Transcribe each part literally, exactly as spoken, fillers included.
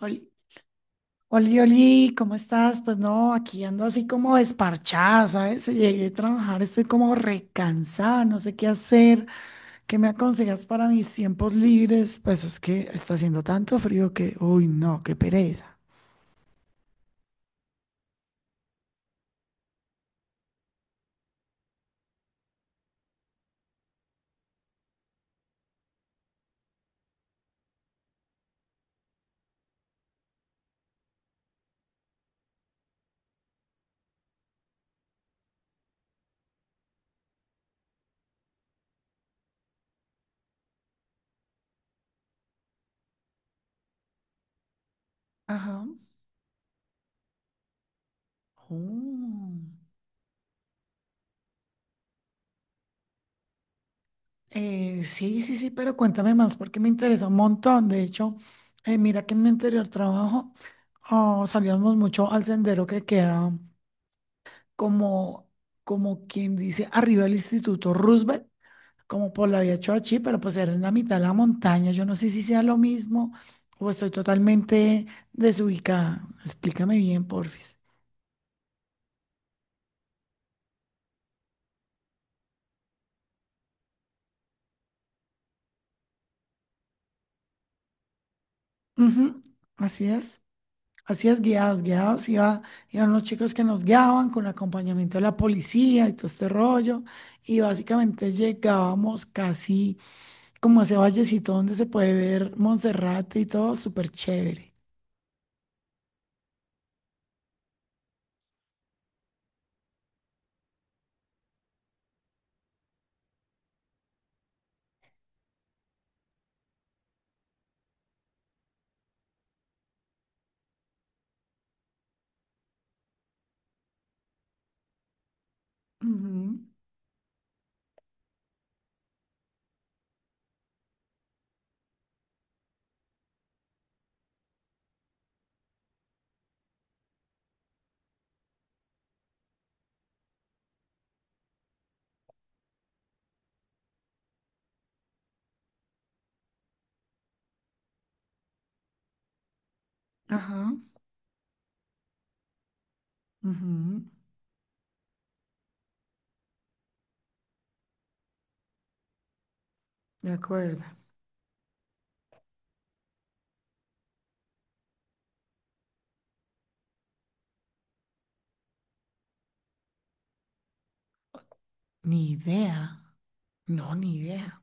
Oli, oli, oli, ¿cómo estás? Pues no, aquí ando así como desparchada, ¿sabes? Llegué a trabajar, estoy como recansada, no sé qué hacer. ¿Qué me aconsejas para mis tiempos libres? Pues es que está haciendo tanto frío que, uy, no, qué pereza. Ajá. Oh. Eh, sí, sí, sí, pero cuéntame más porque me interesa un montón. De hecho, eh, mira que en mi anterior trabajo oh, salíamos mucho al sendero que queda. como, Como quien dice, arriba el Instituto Roosevelt, como por la vía Choachí, pero pues era en la mitad de la montaña. Yo no sé si sea lo mismo o estoy totalmente desubicada. Explícame bien, porfis. Ujú. Así es. Así es, guiados, guiados. Iba, iban los chicos que nos guiaban con acompañamiento de la policía y todo este rollo. Y básicamente llegábamos casi como a ese vallecito donde se puede ver Monserrate y todo, súper chévere. Ujú. Ajá. Ujú, de acuerdo. Ni idea. No, ni idea.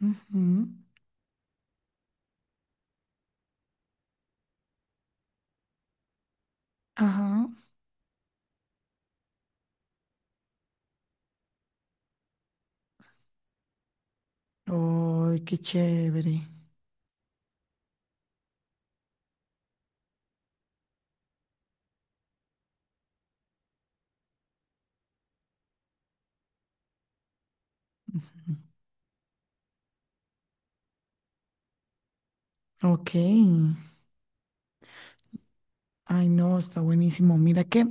Ujú. Ajá. Ay, qué chévere. Ok. Ay, no, está buenísimo. Mira que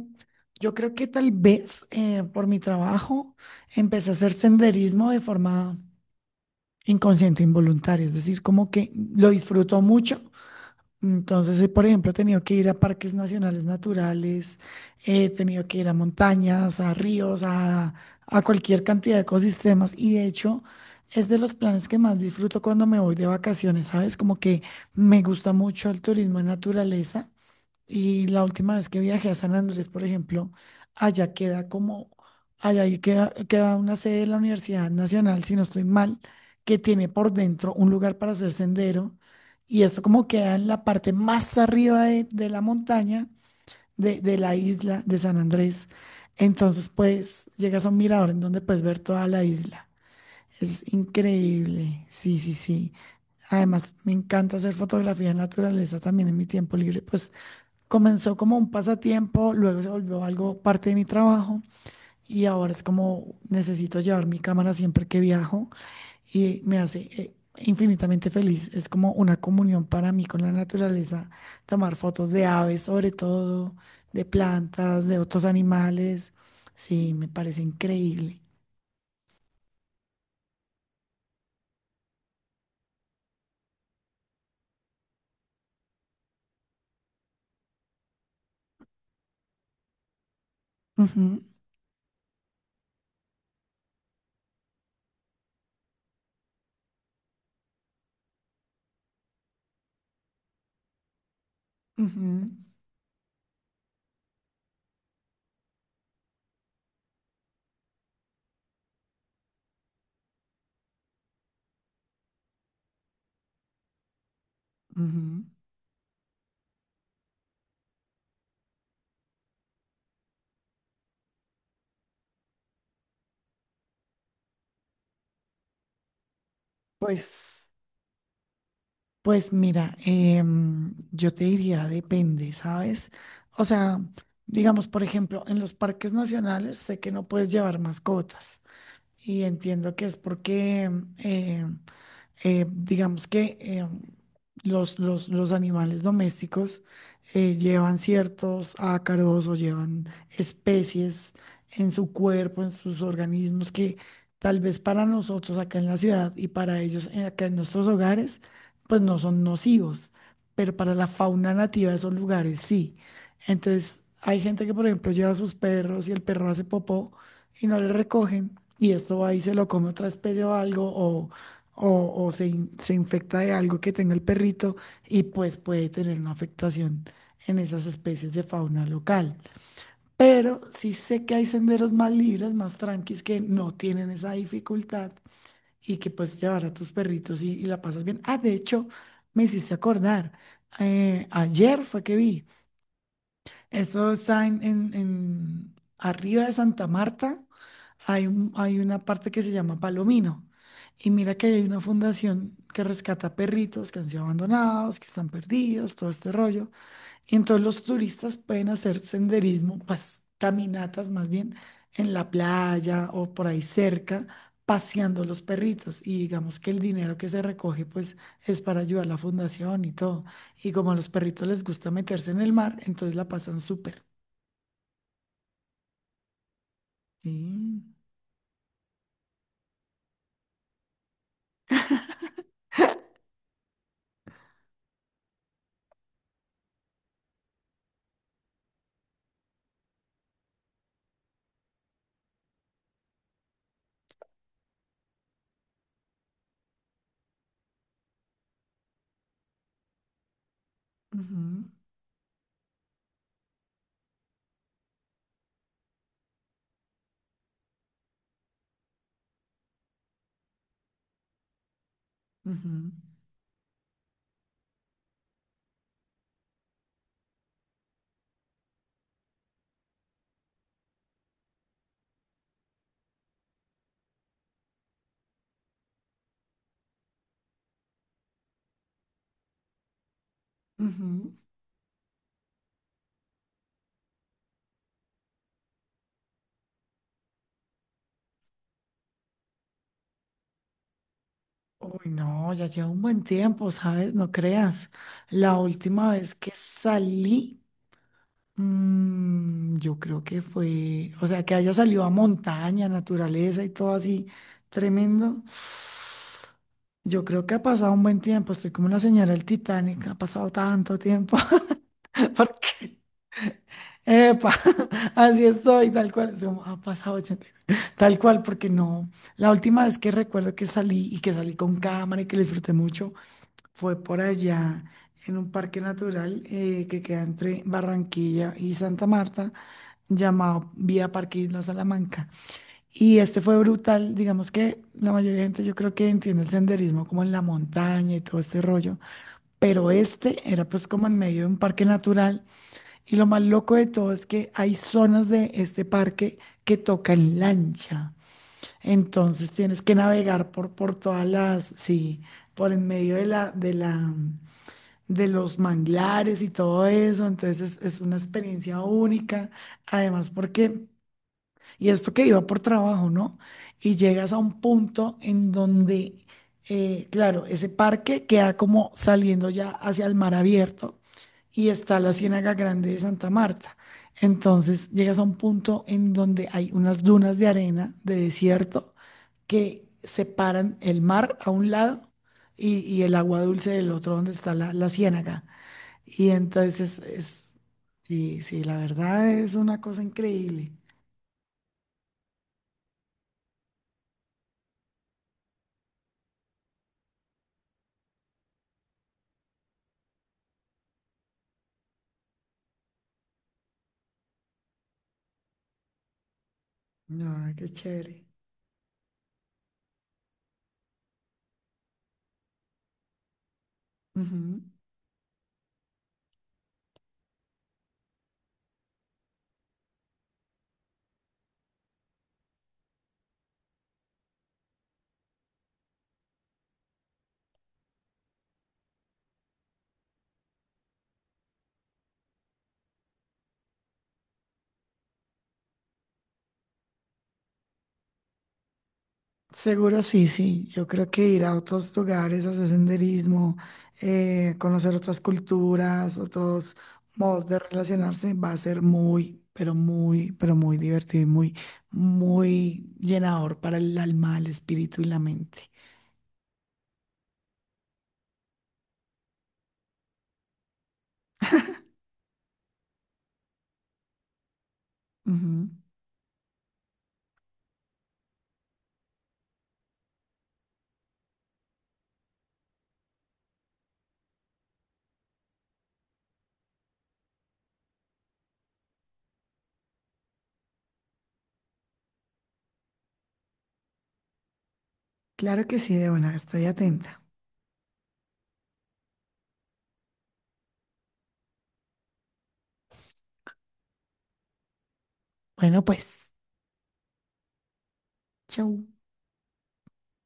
yo creo que tal vez eh, por mi trabajo empecé a hacer senderismo de forma inconsciente, involuntaria. Es decir, como que lo disfruto mucho. Entonces, he, por ejemplo, he tenido que ir a parques nacionales naturales, he tenido que ir a montañas, a ríos, a, a cualquier cantidad de ecosistemas. Y de hecho, es de los planes que más disfruto cuando me voy de vacaciones, ¿sabes? Como que me gusta mucho el turismo en naturaleza. Y la última vez que viajé a San Andrés, por ejemplo, allá queda como, allá ahí queda, queda una sede de la Universidad Nacional, si no estoy mal, que tiene por dentro un lugar para hacer sendero. Y esto como queda en la parte más arriba de, de la montaña, de, de la isla de San Andrés. Entonces, pues, llegas a un mirador en donde puedes ver toda la isla. Es increíble, sí, sí, sí. Además, me encanta hacer fotografía de naturaleza también en mi tiempo libre, pues comenzó como un pasatiempo, luego se volvió algo parte de mi trabajo y ahora es como necesito llevar mi cámara siempre que viajo y me hace eh, infinitamente feliz. Es como una comunión para mí con la naturaleza, tomar fotos de aves sobre todo, de plantas, de otros animales. Sí, me parece increíble. Ujú, ujú, ujú. Pues Pues mira, em, yo te diría, depende, ¿sabes? O sea, digamos, por ejemplo, en los parques nacionales sé que no puedes llevar mascotas y entiendo que es porque em, eh, digamos que eh, los, los, los animales domésticos eh, llevan ciertos ácaros o llevan especies en su cuerpo, en sus organismos, que tal vez para nosotros acá en la ciudad y para ellos eh, acá en nuestros hogares, pues no son nocivos, pero para la fauna nativa de esos lugares sí. Entonces, hay gente que, por ejemplo, lleva a sus perros y el perro hace popó y no le recogen. Y esto va y se lo come otra especie o algo, o o, o se, in- se infecta de algo que tenga el perrito y pues puede tener una afectación en esas especies de fauna local. Pero sí sé que hay senderos más libres, más tranquis, que no tienen esa dificultad y que puedes llevar a tus perritos y, y la pasas bien. Ah, de hecho, me hiciste acordar, eh, ayer fue que vi. Eso está en, en- en- arriba de Santa Marta, hay, un- hay una parte que se llama Palomino. Y mira que hay una fundación que rescata perritos que han sido abandonados, que están perdidos, todo este rollo. Y entonces los turistas pueden hacer senderismo, pues caminatas más bien en la playa o por ahí cerca, paseando los perritos. Y digamos que el dinero que se recoge pues es para ayudar a la fundación y todo. Y como a los perritos les gusta meterse en el mar, entonces la pasan súper. Sí. Ujú, ujú, ujú. Uy, no, ya lleva un buen tiempo, ¿sabes? No creas. La última vez que salí... Mm, yo creo que fue, o sea, que haya salido a montaña, naturaleza y todo así tremendo. Yo creo que ha pasado un buen tiempo, estoy como la señora del Titanic, ha pasado tanto tiempo. Porque, epa, así estoy, tal cual, es como, ha pasado ochenta, tal cual, porque no. La última vez que recuerdo que salí y que salí con cámara y que lo disfruté mucho fue por allá en un parque natural eh, que queda entre Barranquilla y Santa Marta llamado Vía Parque Isla Salamanca. Y este fue brutal, digamos que la mayoría de gente yo creo que entiende el senderismo como en la montaña y todo este rollo, pero este era pues como en medio de un parque natural y lo más loco de todo es que hay zonas de este parque que tocan lancha, entonces tienes que navegar por, por todas las, sí, por en medio de la, de la, de los manglares y todo eso, entonces es es una experiencia única, además porque... Y esto que iba por trabajo, ¿no? Y llegas a un punto en donde, eh, claro, ese parque queda como saliendo ya hacia el mar abierto y está la Ciénaga Grande de Santa Marta. Entonces llegas a un punto en donde hay unas dunas de arena, de desierto, que separan el mar a un lado y, y el agua dulce del otro donde está la, la ciénaga. Y entonces es, es- sí, sí, la verdad es una cosa increíble. No, qué chévere. Ujú. Seguro sí, sí. Yo creo que ir a otros lugares, hacer senderismo, eh, conocer otras culturas, otros modos de relacionarse, va a ser muy, pero muy, pero muy divertido y muy, muy llenador para el alma, el espíritu y la mente. Ujú. Claro que sí, de buena, estoy atenta. Bueno, pues, chau.